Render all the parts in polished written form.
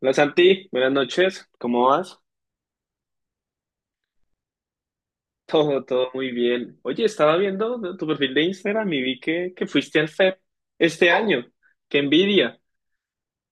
Hola Santi, buenas noches, ¿cómo vas? Todo, todo muy bien. Oye, estaba viendo, ¿no?, tu perfil de Instagram y vi que fuiste al FEP este año. ¡Qué envidia!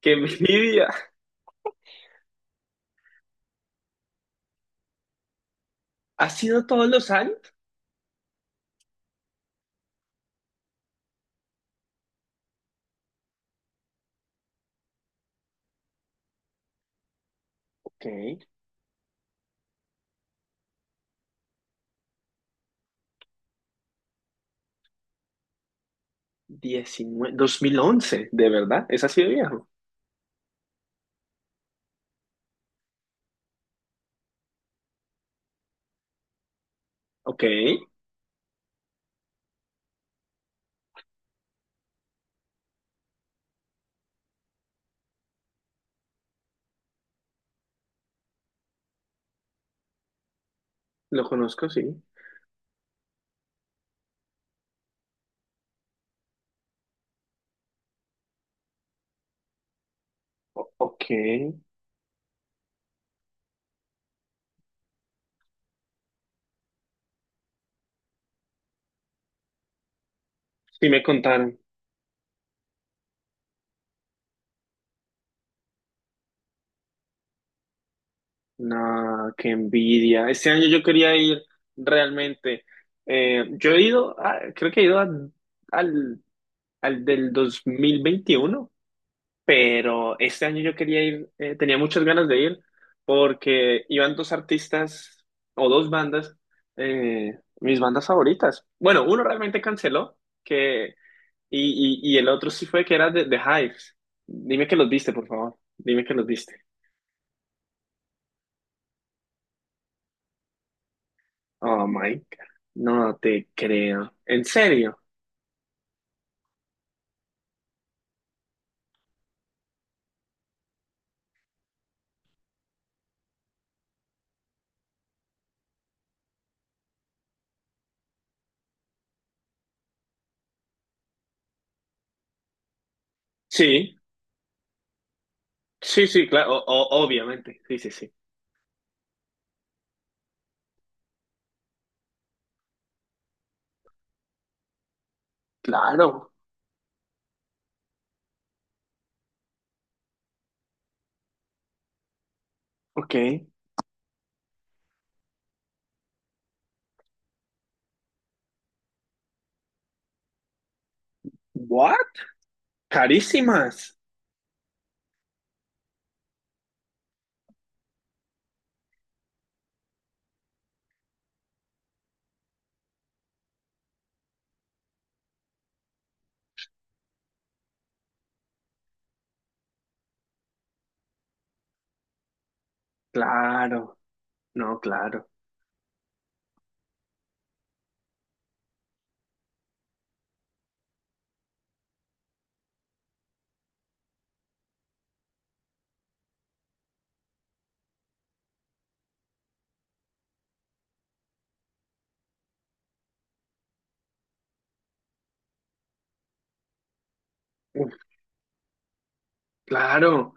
¡Qué envidia! ¿Ha sido todos los años? Ok, diecinueve, 2011, ¿de verdad? ¿Es así de viejo? Ok, lo conozco, sí. Ok, sí, me contaron. No, qué envidia. Este año yo quería ir realmente. Yo he ido, creo que he ido al al del 2021, pero este año yo quería ir, tenía muchas ganas de ir porque iban dos artistas o dos bandas, mis bandas favoritas. Bueno, uno realmente canceló que, y el otro sí fue que era de, Hives. Dime que los viste, por favor. Dime que los viste. Oh my God. No te creo. ¿En serio? Sí, sí, sí, claro, obviamente. Sí, sí, sí. Claro. Ok. What? Carísimas. Claro, no, claro. Uf, claro.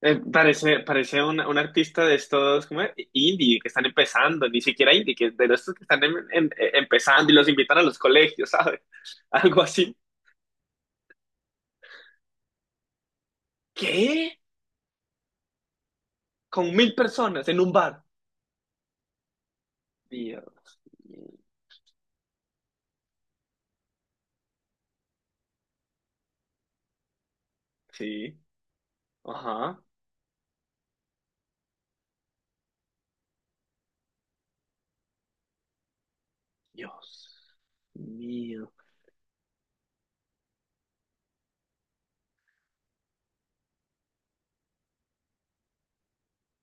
Parece, parece un artista de estos como indie que están empezando, ni siquiera indie, que de estos que están empezando y los invitan a los colegios, ¿sabes? Algo así. ¿Qué? Con mil personas en un bar. Dios mío. Sí, ajá. Dios mío.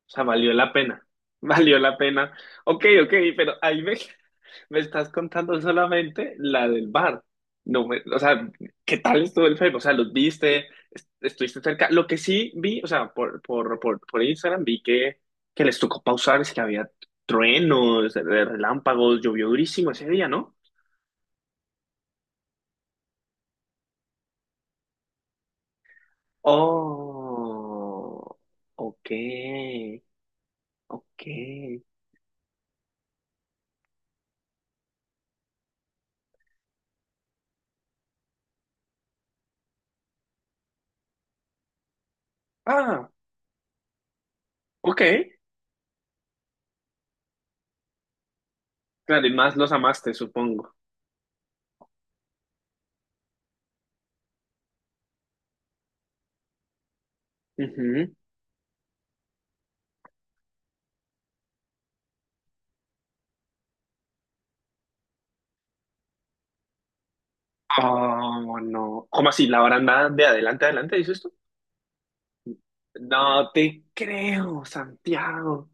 O sea, valió la pena. Valió la pena. Ok, ok, pero ahí me… Me estás contando solamente la del bar. No me- O sea, ¿qué tal estuvo el Facebook? O sea, ¿los viste? ¿Estuviste cerca? Lo que sí vi, o sea, por Instagram vi que les tocó pausar, es que había truenos, relámpagos, llovió durísimo ese día, ¿no? Oh, ok, ok. Ah, ok. Claro, y más los amaste, supongo. Ujú. Oh, no. ¿Cómo así? ¿La baranda de adelante adelante, dices tú? No te creo, Santiago.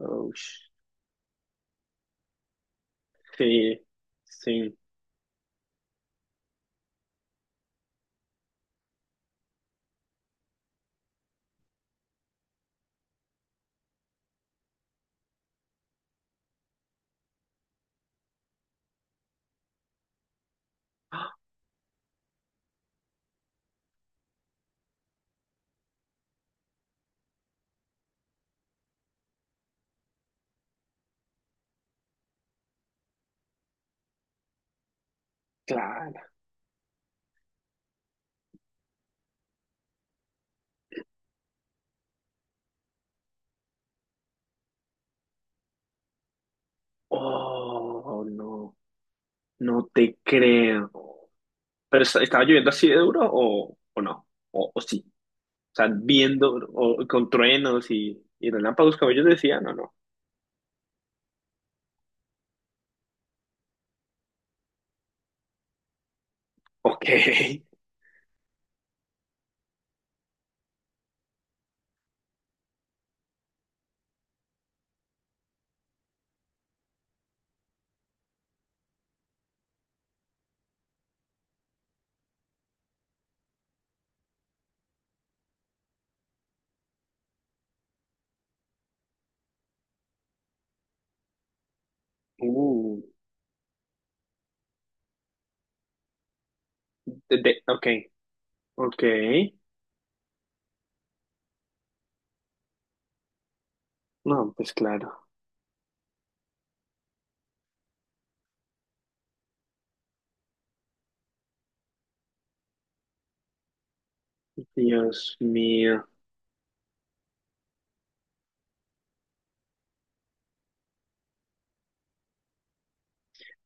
Oh, sí, sí, claro. Oh, no, no te creo. ¿Pero estaba lloviendo así de duro o no? O sí. O sea, viendo o, con truenos y relámpagos, como ellos decían, no, no. Ok. Uh, ok, ok. No, pues claro. Dios mío.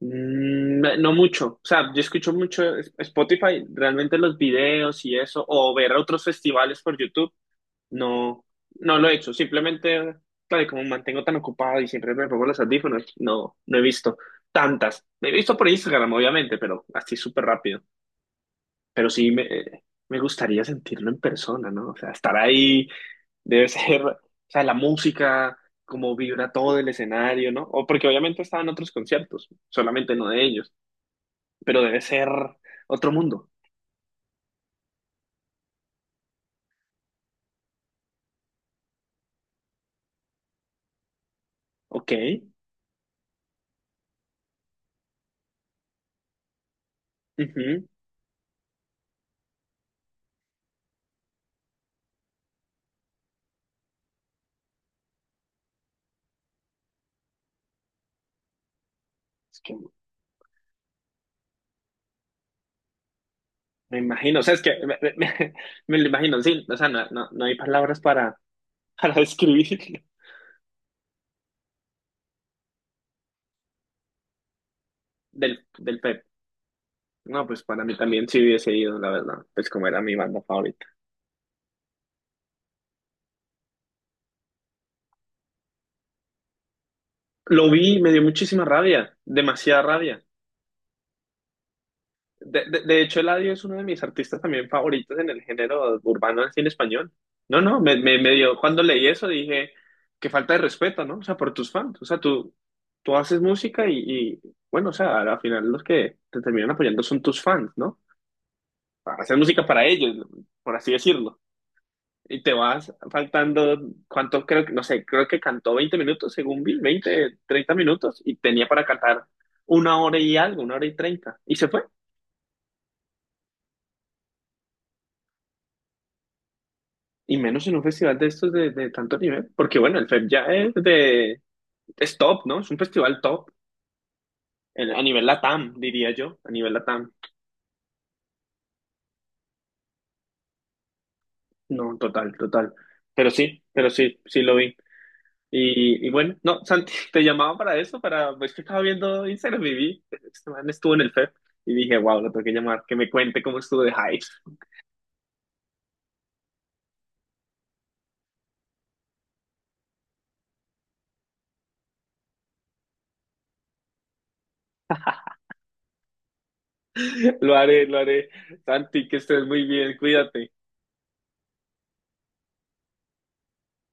No mucho, o sea, yo escucho mucho Spotify, realmente los videos y eso, o ver otros festivales por YouTube, no, no lo he hecho, simplemente, claro, y como me mantengo tan ocupado y siempre me pongo los audífonos, no, no he visto tantas, he visto por Instagram, obviamente, pero así súper rápido, pero sí me, gustaría sentirlo en persona, ¿no? O sea, estar ahí debe ser, o sea, la música, como vibra todo el escenario, ¿no? O porque obviamente estaban otros conciertos, solamente no de ellos, pero debe ser otro mundo. Ok. Ujú. Es que me imagino, o sea, es que me, me lo imagino, sí, o sea, no, no, no hay palabras para, para describir del, Pep. No, pues para mí también sí hubiese ido, la verdad, pues como era mi banda favorita. Lo vi, y me dio muchísima rabia, demasiada rabia. De hecho, Eladio es uno de mis artistas también favoritos en el género urbano del cine español. No, no, me, me dio, cuando leí eso dije, qué falta de respeto, ¿no? O sea, por tus fans. O sea, tú haces música y, bueno, o sea, al final los que te terminan apoyando son tus fans, ¿no? Haces música para ellos, por así decirlo. Y te vas faltando, ¿cuánto?, creo que, no sé, creo que cantó 20 minutos, según vi, 20, 30 minutos, y tenía para cantar una hora y algo, una hora y 30 y se fue. Y menos en un festival de estos de, tanto nivel, porque bueno, el FEP ya es de, es top, ¿no? Es un festival top, a nivel LATAM, diría yo, a nivel LATAM. No, total, total. Pero sí, sí lo vi. Y bueno, no, Santi, te llamaba para eso, para, pues que estaba viendo Instagram y vi, este man estuvo en el FEP y dije, wow, lo tengo que llamar, que me cuente cómo estuvo de hype. Lo haré, lo haré. Santi, que estés muy bien, cuídate.